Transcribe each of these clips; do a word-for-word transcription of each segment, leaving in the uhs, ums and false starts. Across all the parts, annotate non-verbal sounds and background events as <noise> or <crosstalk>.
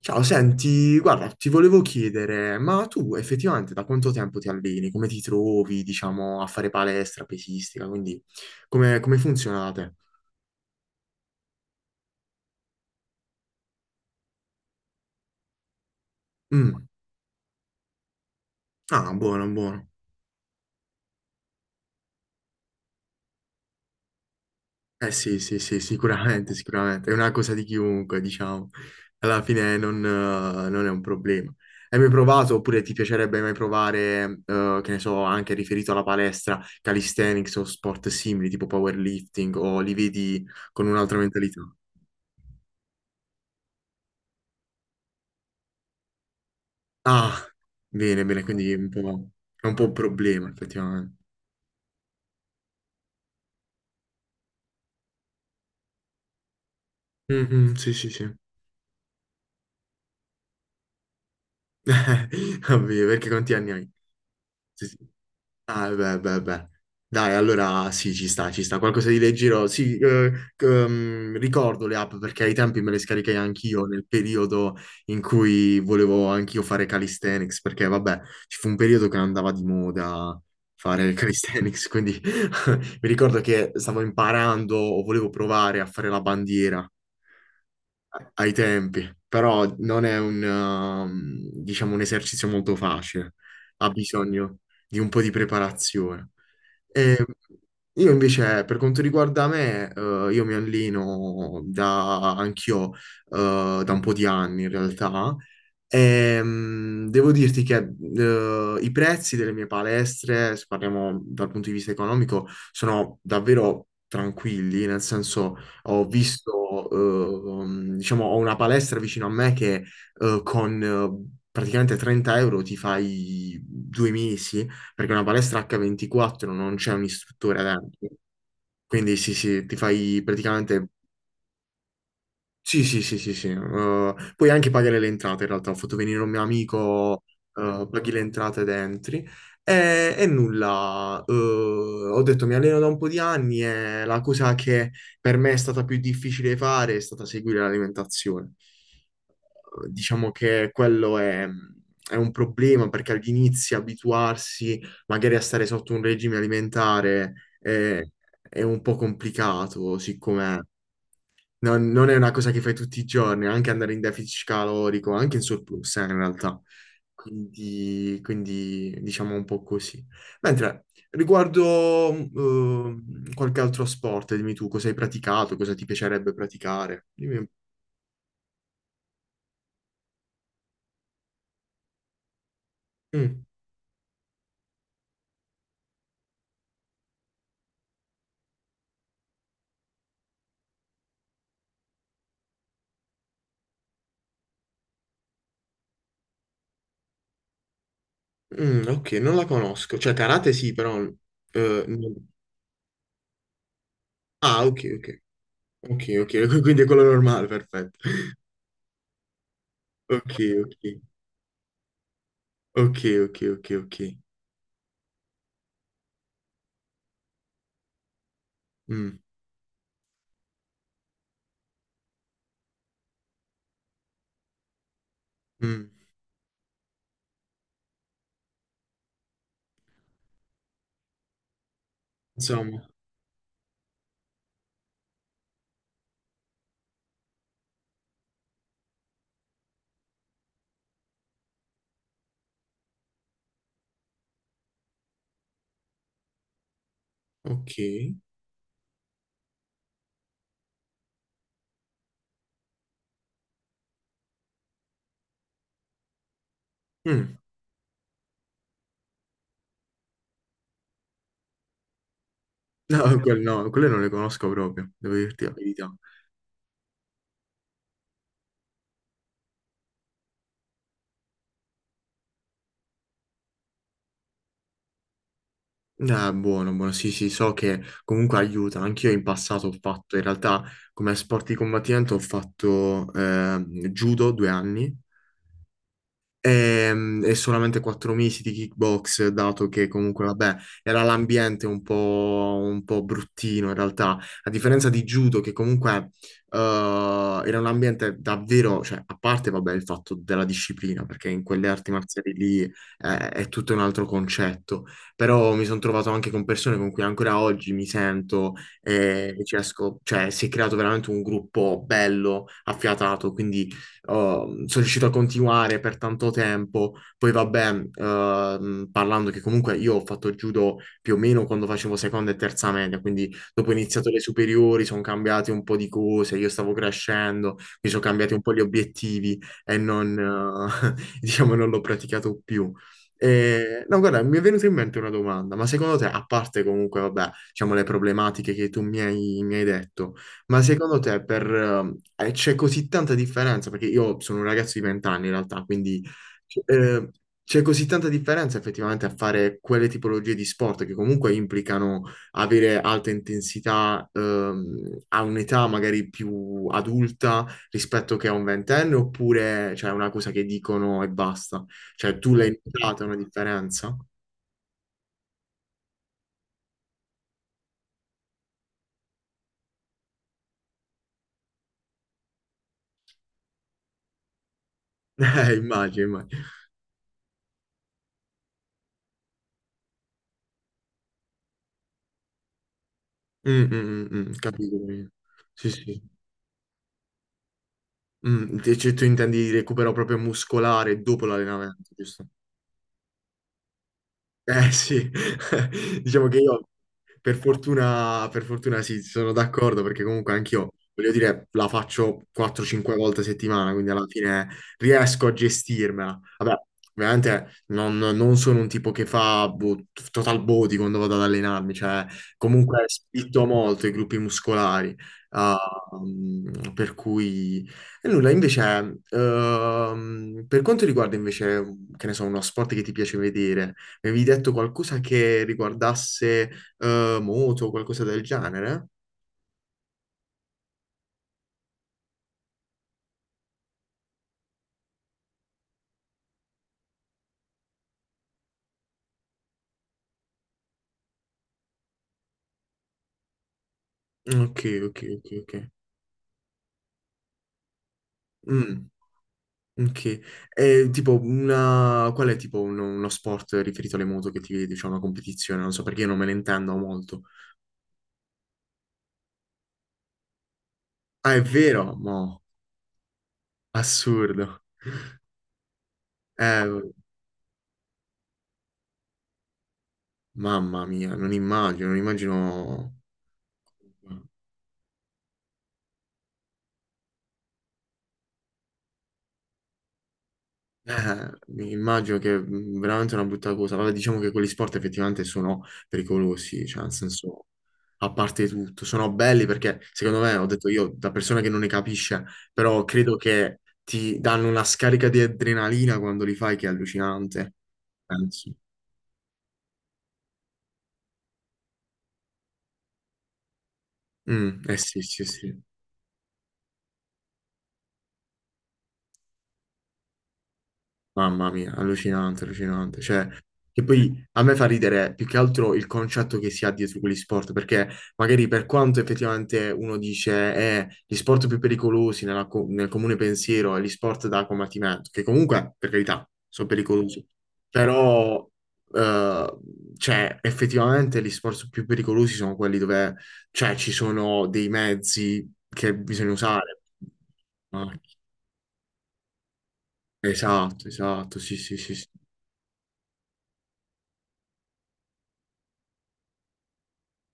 Ciao, senti, guarda, ti volevo chiedere, ma tu effettivamente da quanto tempo ti alleni? Come ti trovi, diciamo, a fare palestra, pesistica? Quindi, come, come funzionate? Mm. Ah, buono, buono. Eh sì, sì, sì, sicuramente, sicuramente. È una cosa di chiunque, diciamo. Alla fine non, eh, non è un problema. Hai mai provato, oppure ti piacerebbe mai provare, eh, che ne so, anche riferito alla palestra, calisthenics o sport simili, tipo powerlifting, o li vedi con un'altra mentalità? Ah, bene, bene, quindi è un po', è un po' un problema, effettivamente. Mhm, sì, sì, sì. <laughs> Ovvio, perché quanti anni hai? Sì, sì. Ah, beh, beh, beh. Dai, allora sì, ci sta, ci sta. Qualcosa di leggero. Sì, eh, c- ehm, ricordo le app perché ai tempi me le scaricai anch'io nel periodo in cui volevo anch'io fare calisthenics, perché vabbè, ci fu un periodo che andava di moda fare calisthenics, quindi <laughs> mi ricordo che stavo imparando o volevo provare a fare la bandiera. Ai tempi, però non è un, ehm, diciamo, un esercizio molto facile, ha bisogno di un po' di preparazione. E io invece, per quanto riguarda me, eh, io mi alleno da, anch'io, eh, da un po' di anni in realtà, e, mm, devo dirti che eh, i prezzi delle mie palestre, se parliamo dal punto di vista economico, sono davvero tranquilli, nel senso ho visto, ehm, diciamo, ho una palestra vicino a me che eh, con eh, praticamente trenta euro ti fai due mesi, perché è una palestra acca ventiquattro non c'è un istruttore dentro. Quindi sì, sì, ti fai praticamente sì, sì, sì, sì, sì. Eh, puoi anche pagare le entrate, in realtà. Ho fatto venire un mio amico, eh, paghi le entrate ed entri. E, e nulla, eh, ho detto mi alleno da un po' di anni e la cosa che per me è stata più difficile fare è stata seguire l'alimentazione. Eh, diciamo che quello è, è un problema perché agli inizi abituarsi magari a stare sotto un regime alimentare è, è un po' complicato, siccome non, non è una cosa che fai tutti i giorni, anche andare in deficit calorico, anche in surplus, eh, in realtà. Quindi, quindi, diciamo un po' così. Mentre riguardo eh, qualche altro sport, dimmi tu cosa hai praticato, cosa ti piacerebbe praticare. Dimmi un po'. Mm, mm, ok, non la conosco. Cioè, karate sì, però... eh, non- Ah, ok, ok. Ok, ok, <laughs> quindi è quello normale, perfetto. <laughs> Ok, ok, ok, ok, ok, ok. Mm, mm. Insomma. Ok. Mm. No, <laughs> quel- no, quelle non le conosco proprio, devo dirti la verità. Ah, buono, buono, sì, sì, so che comunque aiuta. Anch'io in passato ho fatto, in realtà, come sport di combattimento ho fatto eh, judo due anni. Ehm, E, solamente quattro mesi di kickbox, dato che comunque, vabbè, era l'ambiente un po', un po' bruttino in realtà, a differenza di judo, che comunque eh, era un ambiente davvero, cioè, a parte, vabbè, il fatto della disciplina, perché in quelle arti marziali lì eh, è tutto un altro concetto, però mi sono trovato anche con persone con cui ancora oggi mi sento e, e ci esco, cioè, si è creato veramente un gruppo bello, affiatato, quindi oh, sono riuscito a continuare per tanto tempo. Poi vabbè, ehm, parlando che comunque io ho fatto judo più o meno quando facevo seconda e terza media, quindi dopo ho iniziato le superiori, sono cambiate un po' di cose, io stavo crescendo, mi sono cambiati un po' gli obiettivi e non, eh, <laughs> diciamo, non l'ho praticato più. Eh, no, guarda, mi è venuta in mente una domanda, ma secondo te, a parte comunque, vabbè, diciamo le problematiche che tu mi hai, mi hai detto, ma secondo te per, ehm, eh, c'è così tanta differenza? Perché io sono un ragazzo di venti anni in realtà, quindi eh, c'è così tanta differenza effettivamente a fare quelle tipologie di sport che comunque implicano avere alta intensità ehm, a un'età magari più adulta rispetto che a un ventenne, oppure c'è una cosa che dicono e basta? Cioè tu l'hai notata una differenza? <laughs> Eh, immagino, immagino. Mm, mm, mm, mm, capito. Capito. Sì, sì. Mm, te- cioè, tu intendi recupero proprio muscolare dopo l'allenamento, giusto? Eh sì, <laughs> diciamo che io per fortuna, per fortuna sì, sono d'accordo perché comunque anch'io, voglio dire, la faccio quattro cinque volte a settimana, quindi alla fine riesco a gestirmela. Vabbè, ovviamente non, non sono un tipo che fa boh, total body quando vado ad allenarmi, cioè comunque spinto molto i gruppi muscolari, ah, mm, per cui. E nulla, invece, ehm, per quanto riguarda invece, che ne so, uno sport che ti piace vedere, avevi detto qualcosa che riguardasse eh, moto o qualcosa del genere? Ok, ok, ok, ok. Mm, ok. E tipo una... Qual è tipo uno, uno sport riferito alle moto che ti vedi? C'è una competizione? Non so perché io non me ne intendo molto. Ah, è vero? Mo, assurdo. Eh, mamma mia, non immagino, non immagino. Eh, mi immagino che è veramente una brutta cosa. Vabbè, diciamo che quegli sport effettivamente sono pericolosi, cioè nel senso. A parte tutto. Sono belli perché, secondo me, ho detto io, da persona che non ne capisce, però credo che ti danno una scarica di adrenalina quando li fai che è allucinante, penso. Mm, eh sì, sì, sì. Mamma mia, allucinante, allucinante. Cioè, che poi a me fa ridere più che altro il concetto che si ha dietro quegli sport, perché magari per quanto effettivamente uno dice eh, gli sport più pericolosi nella co- nel comune pensiero è gli sport da combattimento, che comunque, per carità, sono pericolosi, però eh, cioè, effettivamente gli sport più pericolosi sono quelli dove cioè, ci sono dei mezzi che bisogna usare. Ah, esatto, esatto, sì, sì, sì, sì.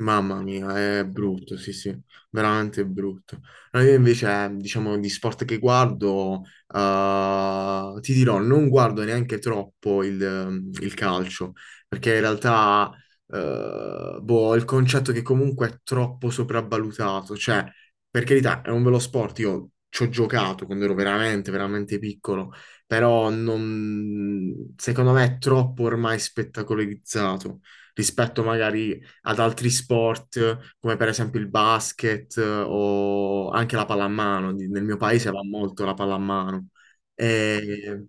Mamma mia, è brutto, sì, sì, veramente brutto. No, io invece, eh, diciamo, di sport che guardo, eh, ti dirò, non guardo neanche troppo il, ehm, il calcio, perché in realtà, eh, boh, ho il concetto che comunque è troppo sopravvalutato, cioè, per carità, è un bello sport, io ci ho giocato quando ero veramente, veramente piccolo, però non- secondo me è troppo ormai spettacolarizzato rispetto magari ad altri sport, come per esempio il basket eh, o anche la pallamano. Di- Nel mio paese va molto la pallamano. E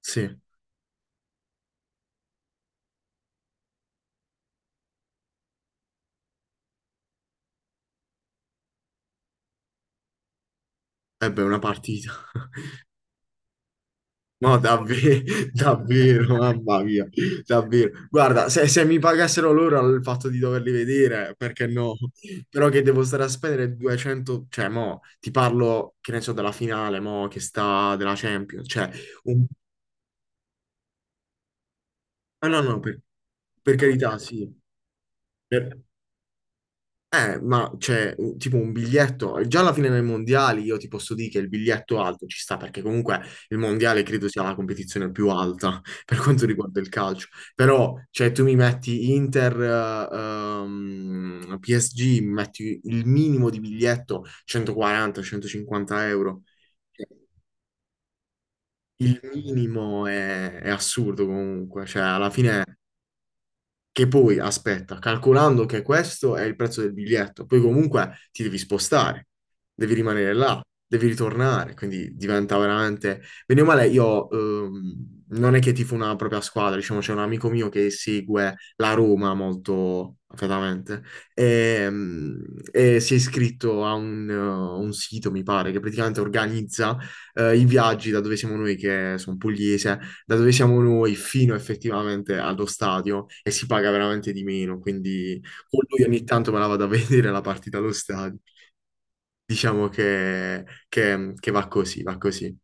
sì, eh beh, una partita. <laughs> No, davvero, <laughs> davvero, mamma mia, davvero. Guarda, se, se mi pagassero loro il fatto di doverli vedere, perché no? Però che devo stare a spendere duecento, cioè mo, ti parlo, che ne so, della finale, mo, che sta della Champions, cioè, un... ah, no, no, per, per carità, sì. Per- Eh, ma c'è un- tipo un biglietto, già alla fine dei mondiali io ti posso dire che il biglietto alto ci sta, perché comunque il mondiale credo sia la competizione più alta <laughs> per quanto riguarda il calcio, però cioè, tu mi metti Inter, eh, ehm, P S G, mi metti il minimo di biglietto centoquaranta-centocinquanta euro. Cioè, il minimo è, è assurdo comunque, cioè alla fine che poi, aspetta, calcolando che questo è il prezzo del biglietto, poi comunque ti devi spostare, devi rimanere là, devi ritornare, quindi diventa veramente. Bene o male, io ehm, non è che tifo una propria squadra, diciamo, c'è un amico mio che segue la Roma molto affetamente e, mm, e si è iscritto a un, eh, un sito, mi pare, che praticamente organizza eh, i viaggi da dove siamo noi, che sono pugliese da dove siamo noi fino effettivamente allo stadio e si paga veramente di meno, quindi con lui ogni tanto me la vado a <laughs> vedere la partita allo stadio. Diciamo che, che- che va così, va così.